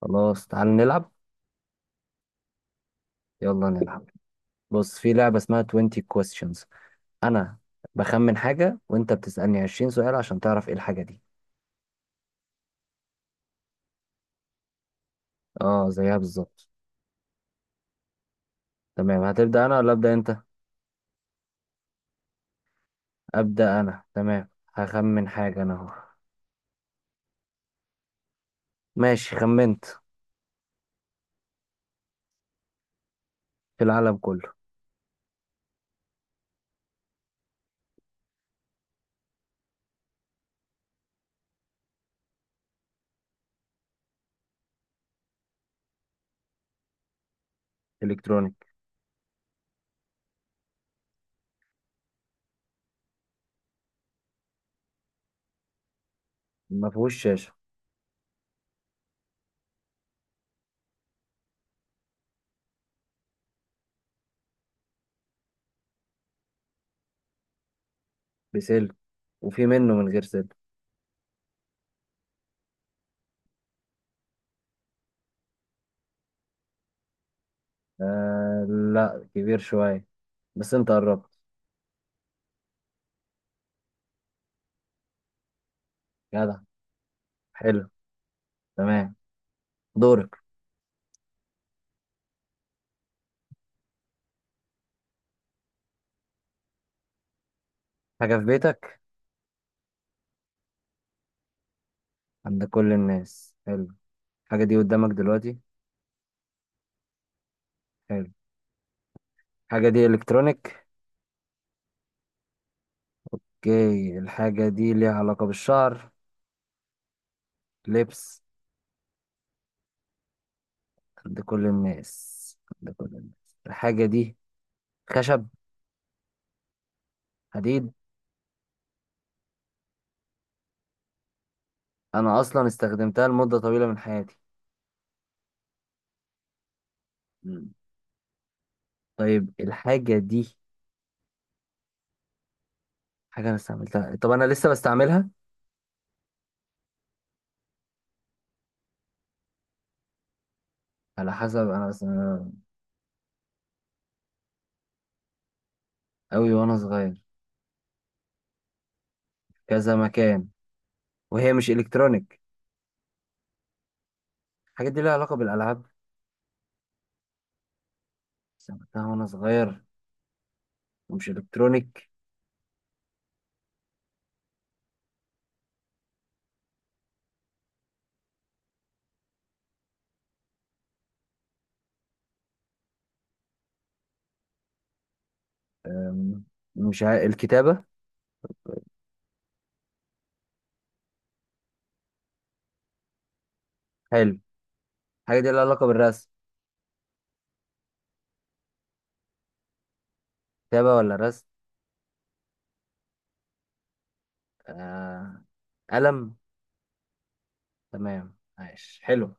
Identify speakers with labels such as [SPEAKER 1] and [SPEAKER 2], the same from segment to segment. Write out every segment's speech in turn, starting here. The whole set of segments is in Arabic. [SPEAKER 1] خلاص تعال نلعب. يلا نلعب. بص، في لعبة اسمها 20 questions. انا بخمن حاجة وانت بتسألني 20 سؤال عشان تعرف ايه الحاجة دي. اه زيها بالظبط. تمام، هتبدأ انا ولا ابدأ انت؟ ابدأ انا، تمام. هخمن حاجة انا اهو. ماشي خمنت. في العالم كله. الكترونيك. ما فيهوش شاشة. بسلك وفي منه من غير سلك. آه لا، كبير شوية، بس انت قربت. جدع. حلو. تمام. دورك. حاجة في بيتك. عند كل الناس. حلو. الحاجة دي قدامك دلوقتي. حلو. الحاجة دي إلكترونيك. اوكي، الحاجة دي ليها علاقة بالشعر. لبس. عند كل الناس، عند كل الناس الحاجة دي. خشب. حديد. أنا أصلا استخدمتها لمدة طويلة من حياتي. مم. طيب الحاجة دي حاجة أنا استعملتها، طب أنا لسه بستعملها. على حسب أنا بس. أوي وأنا صغير. كذا مكان. وهي مش إلكترونيك. الحاجة دي ليها علاقة بالألعاب. استعملتها وأنا صغير ومش إلكترونيك. مش ع... الكتابة. حلو. حاجة دي لها علاقة بالرسم. كتابة ولا رسم؟ آه... قلم. تمام ماشي، حلو.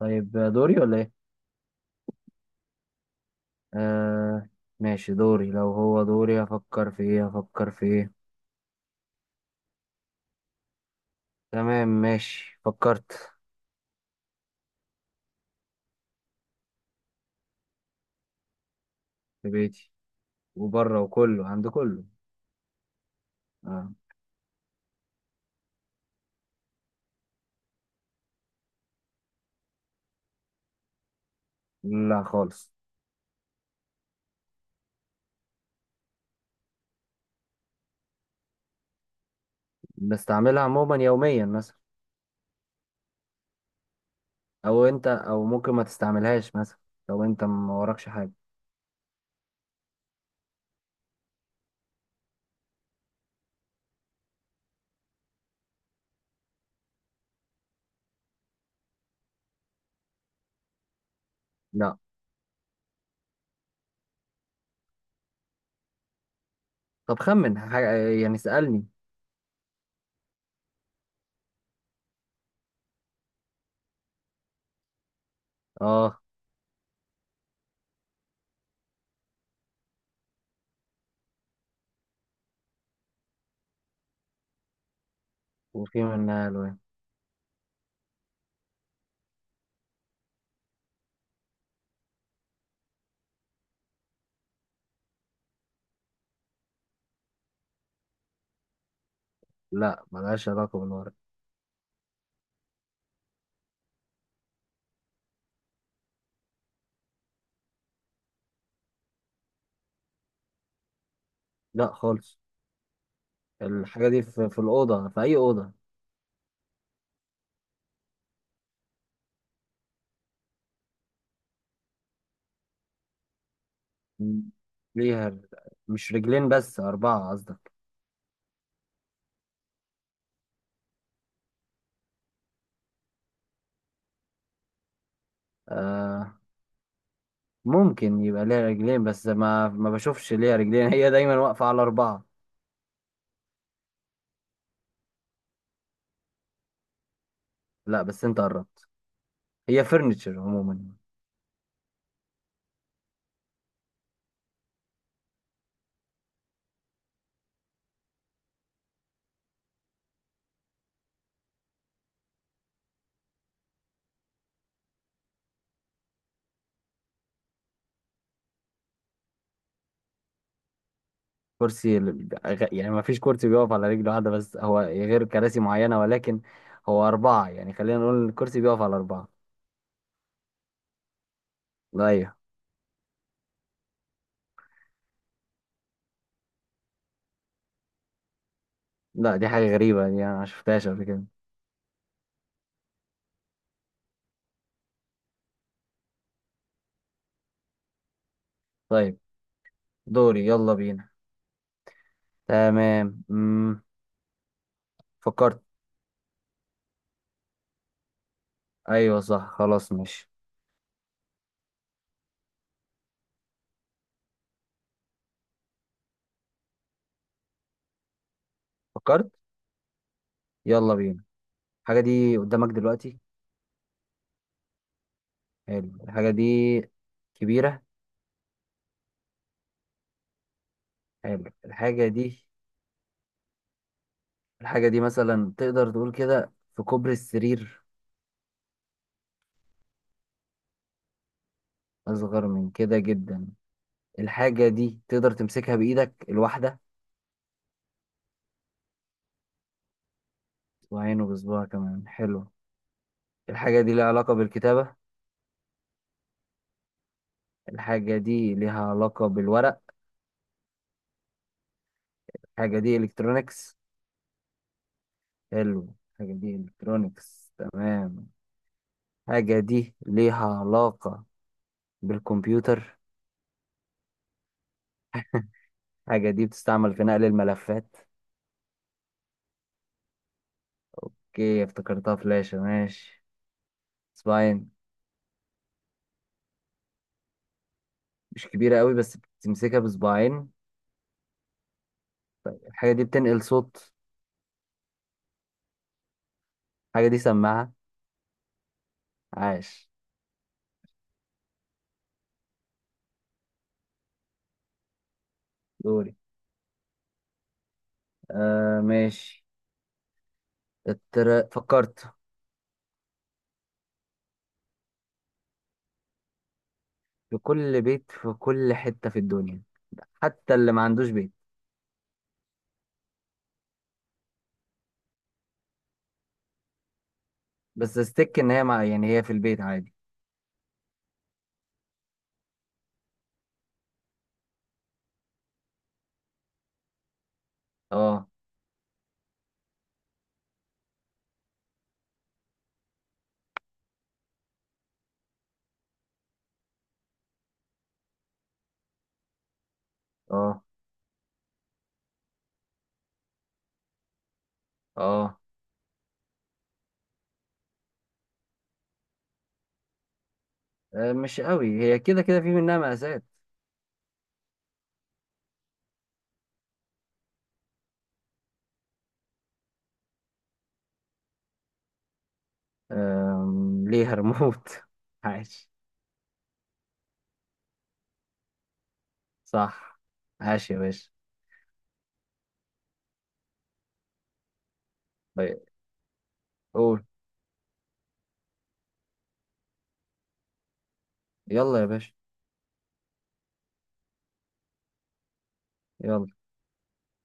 [SPEAKER 1] طيب دوري ولا ايه؟ آه... ماشي دوري. لو هو دوري هفكر في ايه، هفكر في ايه؟ تمام ماشي فكرت. في بيتي وبره، وكله عند كله. آه. لا خالص. بستعملها عموما يوميا مثلا. او انت او ممكن ما تستعملهاش مثلا لو انت ما وراكش حاجة. لا. طب خمن حاجة، يعني اسألني. اه. وفي منها الوان. لا ملهاش علاقة بالورق. لا خالص. الحاجة دي في الأوضة، في أي أوضة. م- ليها. مش رجلين بس، أربعة قصدك؟ آه، ممكن يبقى ليها رجلين، بس ما بشوفش ليها رجلين، هي دايما واقفة على أربعة. لا بس أنت قربت. هي فرنتشر عموما. يعني ما فيش كرسي بيقف على رجل واحدة، بس هو غير كراسي معينة ولكن هو أربعة. يعني خلينا نقول الكرسي بيقف على أربعة. لا أيوه. لا دي حاجة غريبة، دي أنا ما شفتهاش قبل كده. طيب. دوري يلا بينا. تمام فكرت. ايوه صح خلاص ماشي. فكرت. يلا بينا. الحاجه دي قدامك دلوقتي. حلو. الحاجه دي كبيره. حلو الحاجه دي. الحاجه دي مثلا تقدر تقول كده في كوبري السرير. اصغر من كده جدا. الحاجه دي تقدر تمسكها بايدك الواحده. وعينه بصباعها كمان، حلو. الحاجه دي ليها علاقه بالكتابه. الحاجه دي ليها علاقه بالورق. الحاجه دي الكترونيكس. حلو، الحاجه دي الكترونيكس تمام. الحاجه دي ليها علاقه بالكمبيوتر. حاجة دي بتستعمل في نقل الملفات. اوكي افتكرتها فلاشة ماشي. صباعين. مش كبيرة قوي بس بتمسكها بصباعين. الحاجة دي بتنقل صوت. الحاجة دي سماعة. عاش. دوري. آه ماشي. فكرت. في كل بيت، في كل حتة في الدنيا، حتى اللي ما عندوش بيت. بس استك ان هي مع، يعني هي في البيت عادي. اه. اه. اه. آه، مش قوي، هي كده كده في منها مقاسات. ليها ريموت. عاش. صح. عاش يا باشا. طيب. قول. يلا يا باشا. يلا.